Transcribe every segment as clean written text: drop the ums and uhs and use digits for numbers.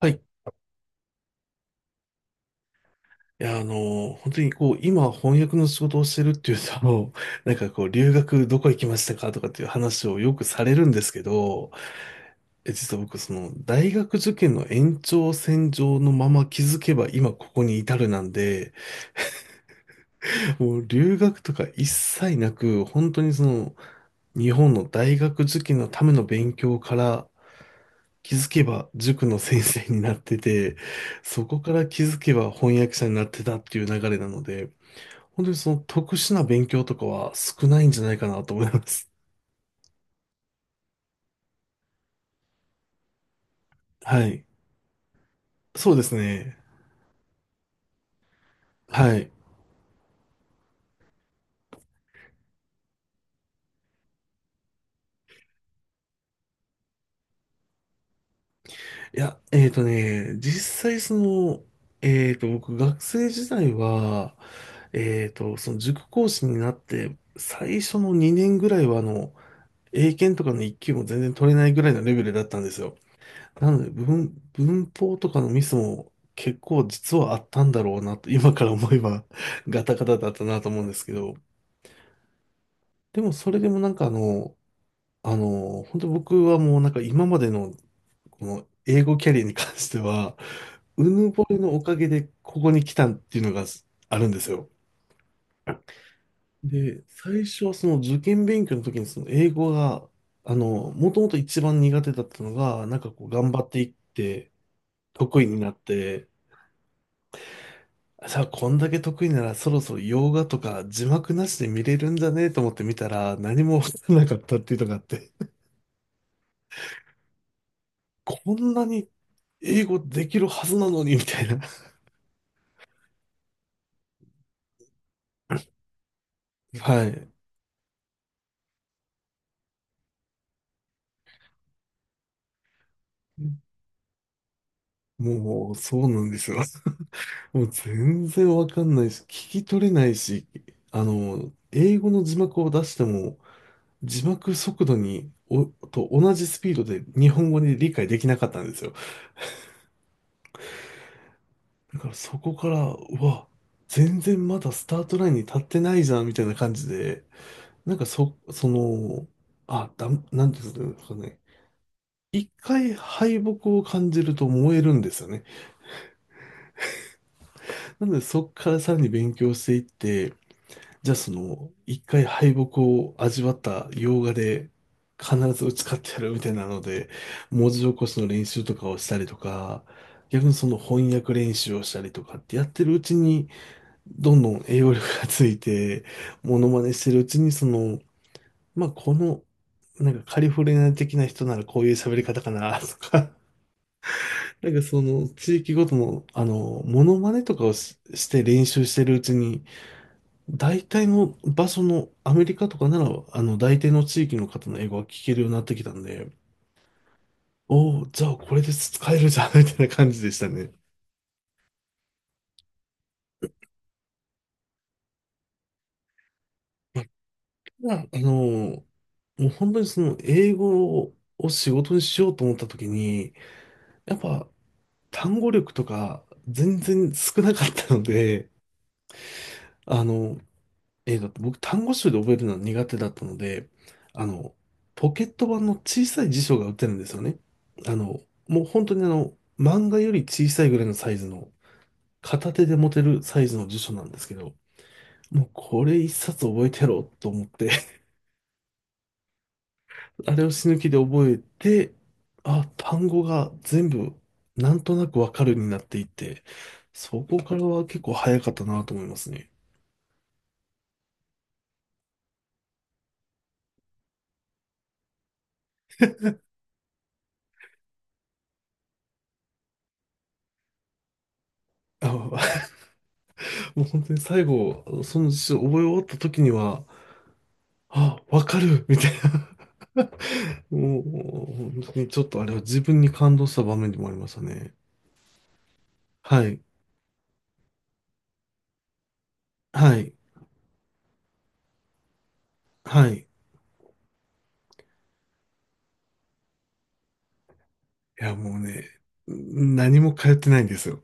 はい。いや、本当にこう、今翻訳の仕事をしてるっていうと、なんかこう、留学どこ行きましたかとかっていう話をよくされるんですけど、実は僕、大学受験の延長線上のまま気づけば今ここに至るなんで、もう留学とか一切なく、本当に日本の大学受験のための勉強から気づけば塾の先生になってて、そこから気づけば翻訳者になってたっていう流れなので、本当にその特殊な勉強とかは少ないんじゃないかなと思います。はい。そうですね。はい。いや、実際僕学生時代は、その塾講師になって、最初の2年ぐらいは英検とかの1級も全然取れないぐらいのレベルだったんですよ。なので、文法とかのミスも結構実はあったんだろうなと、今から思えばガタガタだったなと思うんですけど、でもそれでもなんか本当僕はもうなんか今までのこの英語キャリアに関しては、うぬぼれのおかげでここに来たっていうのがあるんですよ。で、最初はその受験勉強の時にその英語が、もともと一番苦手だったのが、なんかこう頑張っていって得意になって、さあこんだけ得意ならそろそろ洋画とか字幕なしで見れるんじゃねえと思って見たら何もわからなかったっていうのがあって、こんなに英語できるはずなのにみたいな。はい。もう、そうなんですよ。もう全然わかんないし、聞き取れないし、英語の字幕を出しても、字幕速度に、と同じスピードで日本語に理解できなかったんですよ。だからそこから、うわ、全然まだスタートラインに立ってないじゃん、みたいな感じで、なんかなんていうんですかね。一回敗北を感じると燃えるんですよね。なのでそこからさらに勉強していって、じゃあ一回敗北を味わった洋画で必ず打ち勝ってやるみたいなので、文字起こしの練習とかをしたりとか、逆にその翻訳練習をしたりとかってやってるうちに、どんどん栄養力がついて、モノマネしてるうちに、まあ、この、なんかカリフォルニア的な人ならこういう喋り方かな とか、なんかその地域ごとの、モノマネとかをしして練習してるうちに、大体の場所のアメリカとかなら、大体の地域の方の英語は聞けるようになってきたんで、おお、じゃあこれで使えるじゃん、みたいな感じでしたね。まあただ、もう本当にその英語を仕事にしようと思った時に、やっぱ単語力とか全然少なかったので、あの、えって僕単語集で覚えるのは苦手だったので、あの、ポケット版の小さい辞書が売ってるんですよね。あの、もう本当に漫画より小さいぐらいのサイズの、片手で持てるサイズの辞書なんですけど、もうこれ一冊覚えてやろうと思って あれを死ぬ気で覚えて、あ、単語が全部なんとなくわかるようになっていて、そこからは結構早かったなと思いますね。あ、もう本当に最後、その辞書を覚え終わった時には、あ、わかるみたいな もう、本当にちょっとあれは自分に感動した場面でもありましたね。はい。はい。はい。いや、もうね、何も通ってないんですよ。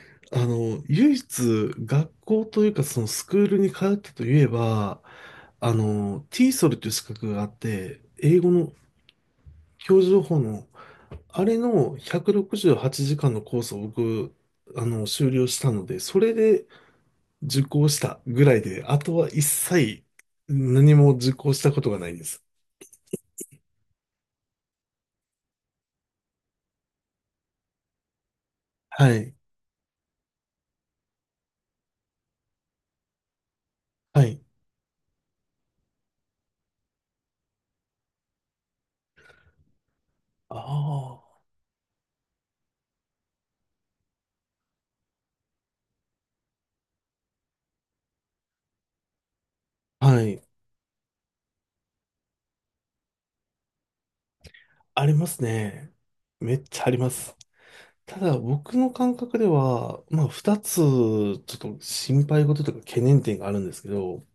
唯一学校というかそのスクールに通ったといえば、t ソルという資格があって、英語の教授情報の、あれの168時間のコースを僕、修了したので、それで受講したぐらいで、あとは一切何も受講したことがないです。はい。はい。ああ。はい。ありますね。めっちゃあります。ただ僕の感覚では、まあ二つちょっと心配事というか懸念点があるんですけど、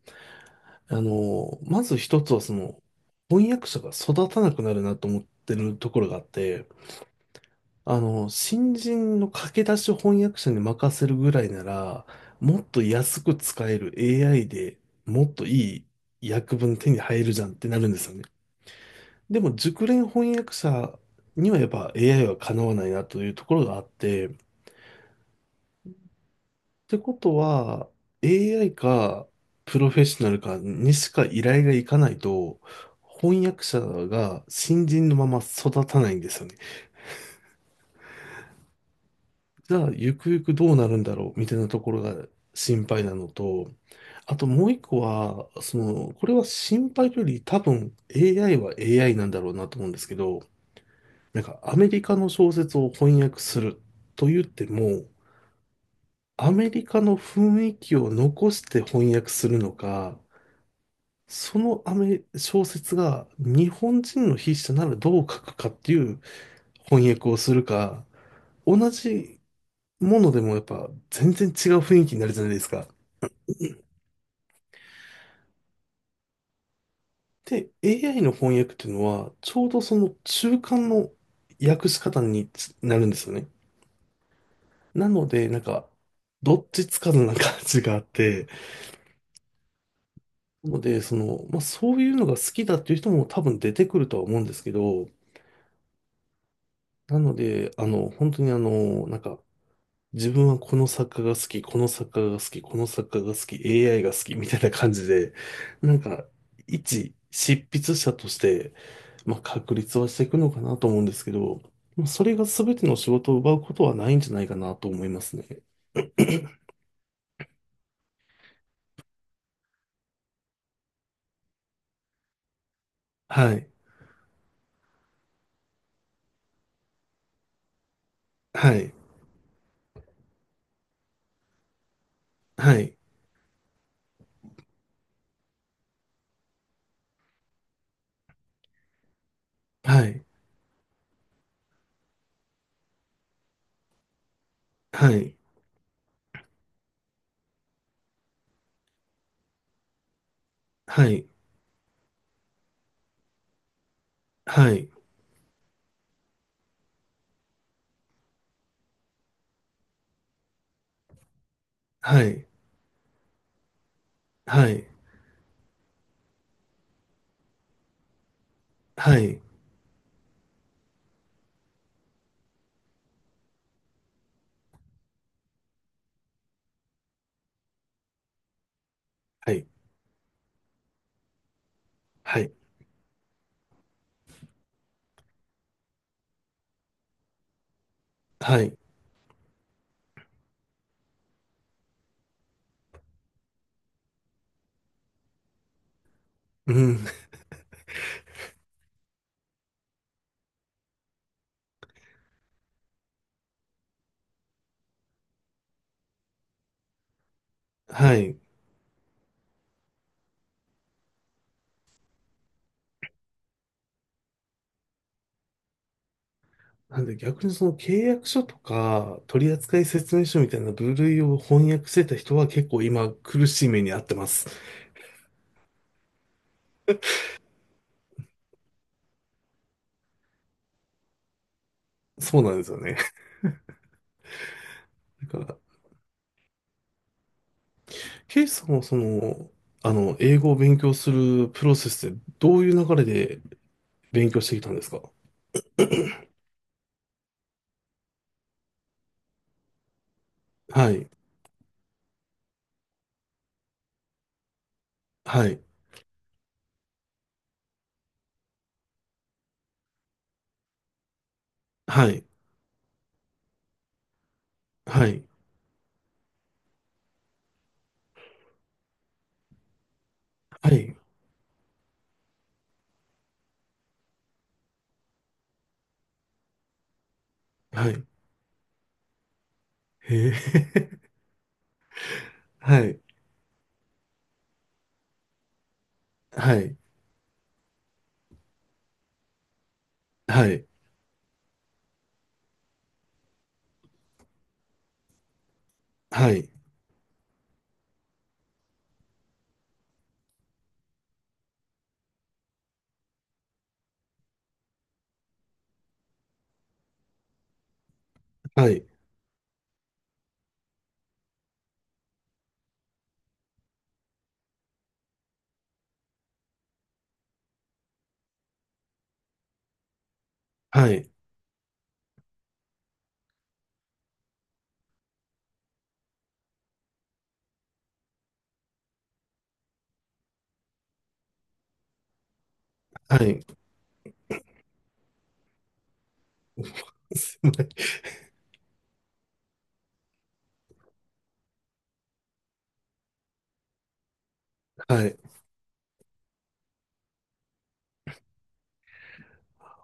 まず一つはその翻訳者が育たなくなるなと思ってるところがあって、新人の駆け出し翻訳者に任せるぐらいなら、もっと安く使える AI でもっといい訳文手に入るじゃんってなるんですよね。でも熟練翻訳者にはやっぱ AI はかなわないなというところがあって、ってことは AI かプロフェッショナルかにしか依頼がいかないと翻訳者が新人のまま育たないんですよね。じゃあ、ゆくゆくどうなるんだろうみたいなところが心配なのと、あともう一個は、これは心配より多分 AI は AI なんだろうなと思うんですけど、なんかアメリカの小説を翻訳すると言っても、アメリカの雰囲気を残して翻訳するのか、そのアメ、小説が日本人の筆者ならどう書くかっていう翻訳をするか、同じものでもやっぱ全然違う雰囲気になるじゃないですか。で、AI の翻訳っていうのは、ちょうどその中間の訳し方につなるんですよね。なので、なんか、どっちつかずな感じがあって、なので、まあ、そういうのが好きだっていう人も多分出てくるとは思うんですけど、なので、本当になんか、自分はこの作家が好き、この作家が好き、この作家が好き、AI が好きみたいな感じで、なんか、一執筆者として、まあ、確立はしていくのかなと思うんですけど、まあそれが全ての仕事を奪うことはないんじゃないかなと思いますね。はい、はい、はい、はい、はい、はい、はい、はい、はい、はい、はい、はい、はい、うん、はい、なんで逆にその契約書とか取扱説明書みたいな部類を翻訳してた人は結構今苦しい目に遭ってます。そうなんですよね。だから、ケイさんはその、英語を勉強するプロセスでどういう流れで勉強してきたんですか？はい、はい、はい、はい、はい、はい、へえ、はい、はい、はい、はい、はい、はい、はい、すごいはい、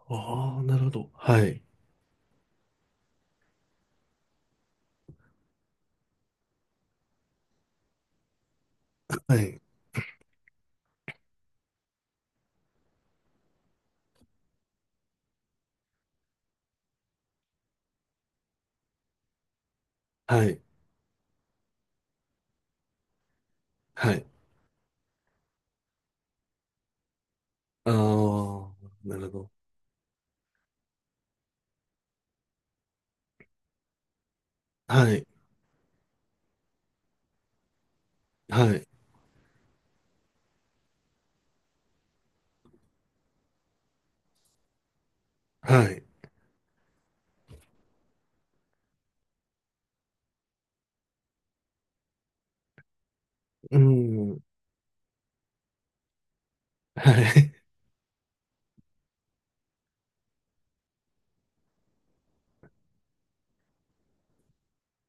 ああ、なるほど、はい、はい、はい。はい。ああ、なるほど。はい。はい。はい。うん。はい。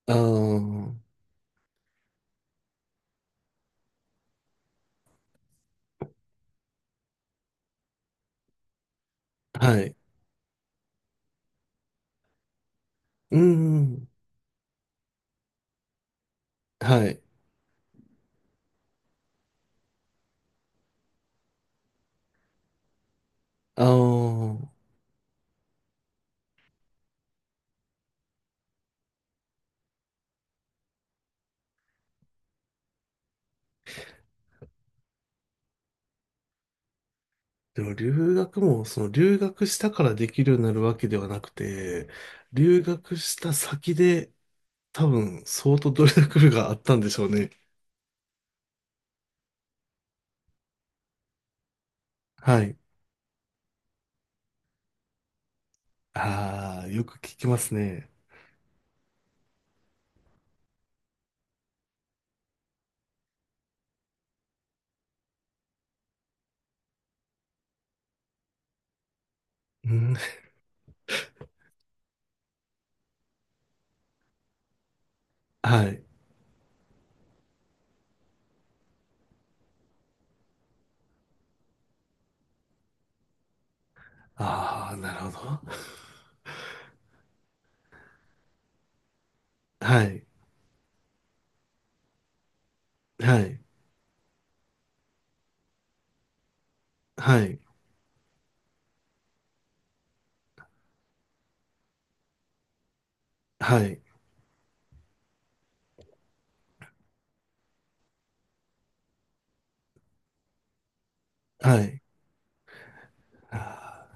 ああ、はい。うん。はい。ああ。でも留学も、その留学したからできるようになるわけではなくて、留学した先で多分相当努力があったんでしょうね。はい。ああ、よく聞きますね。うん。はい。ああ、なるほど。はい。はい。はい。はい。はい。あ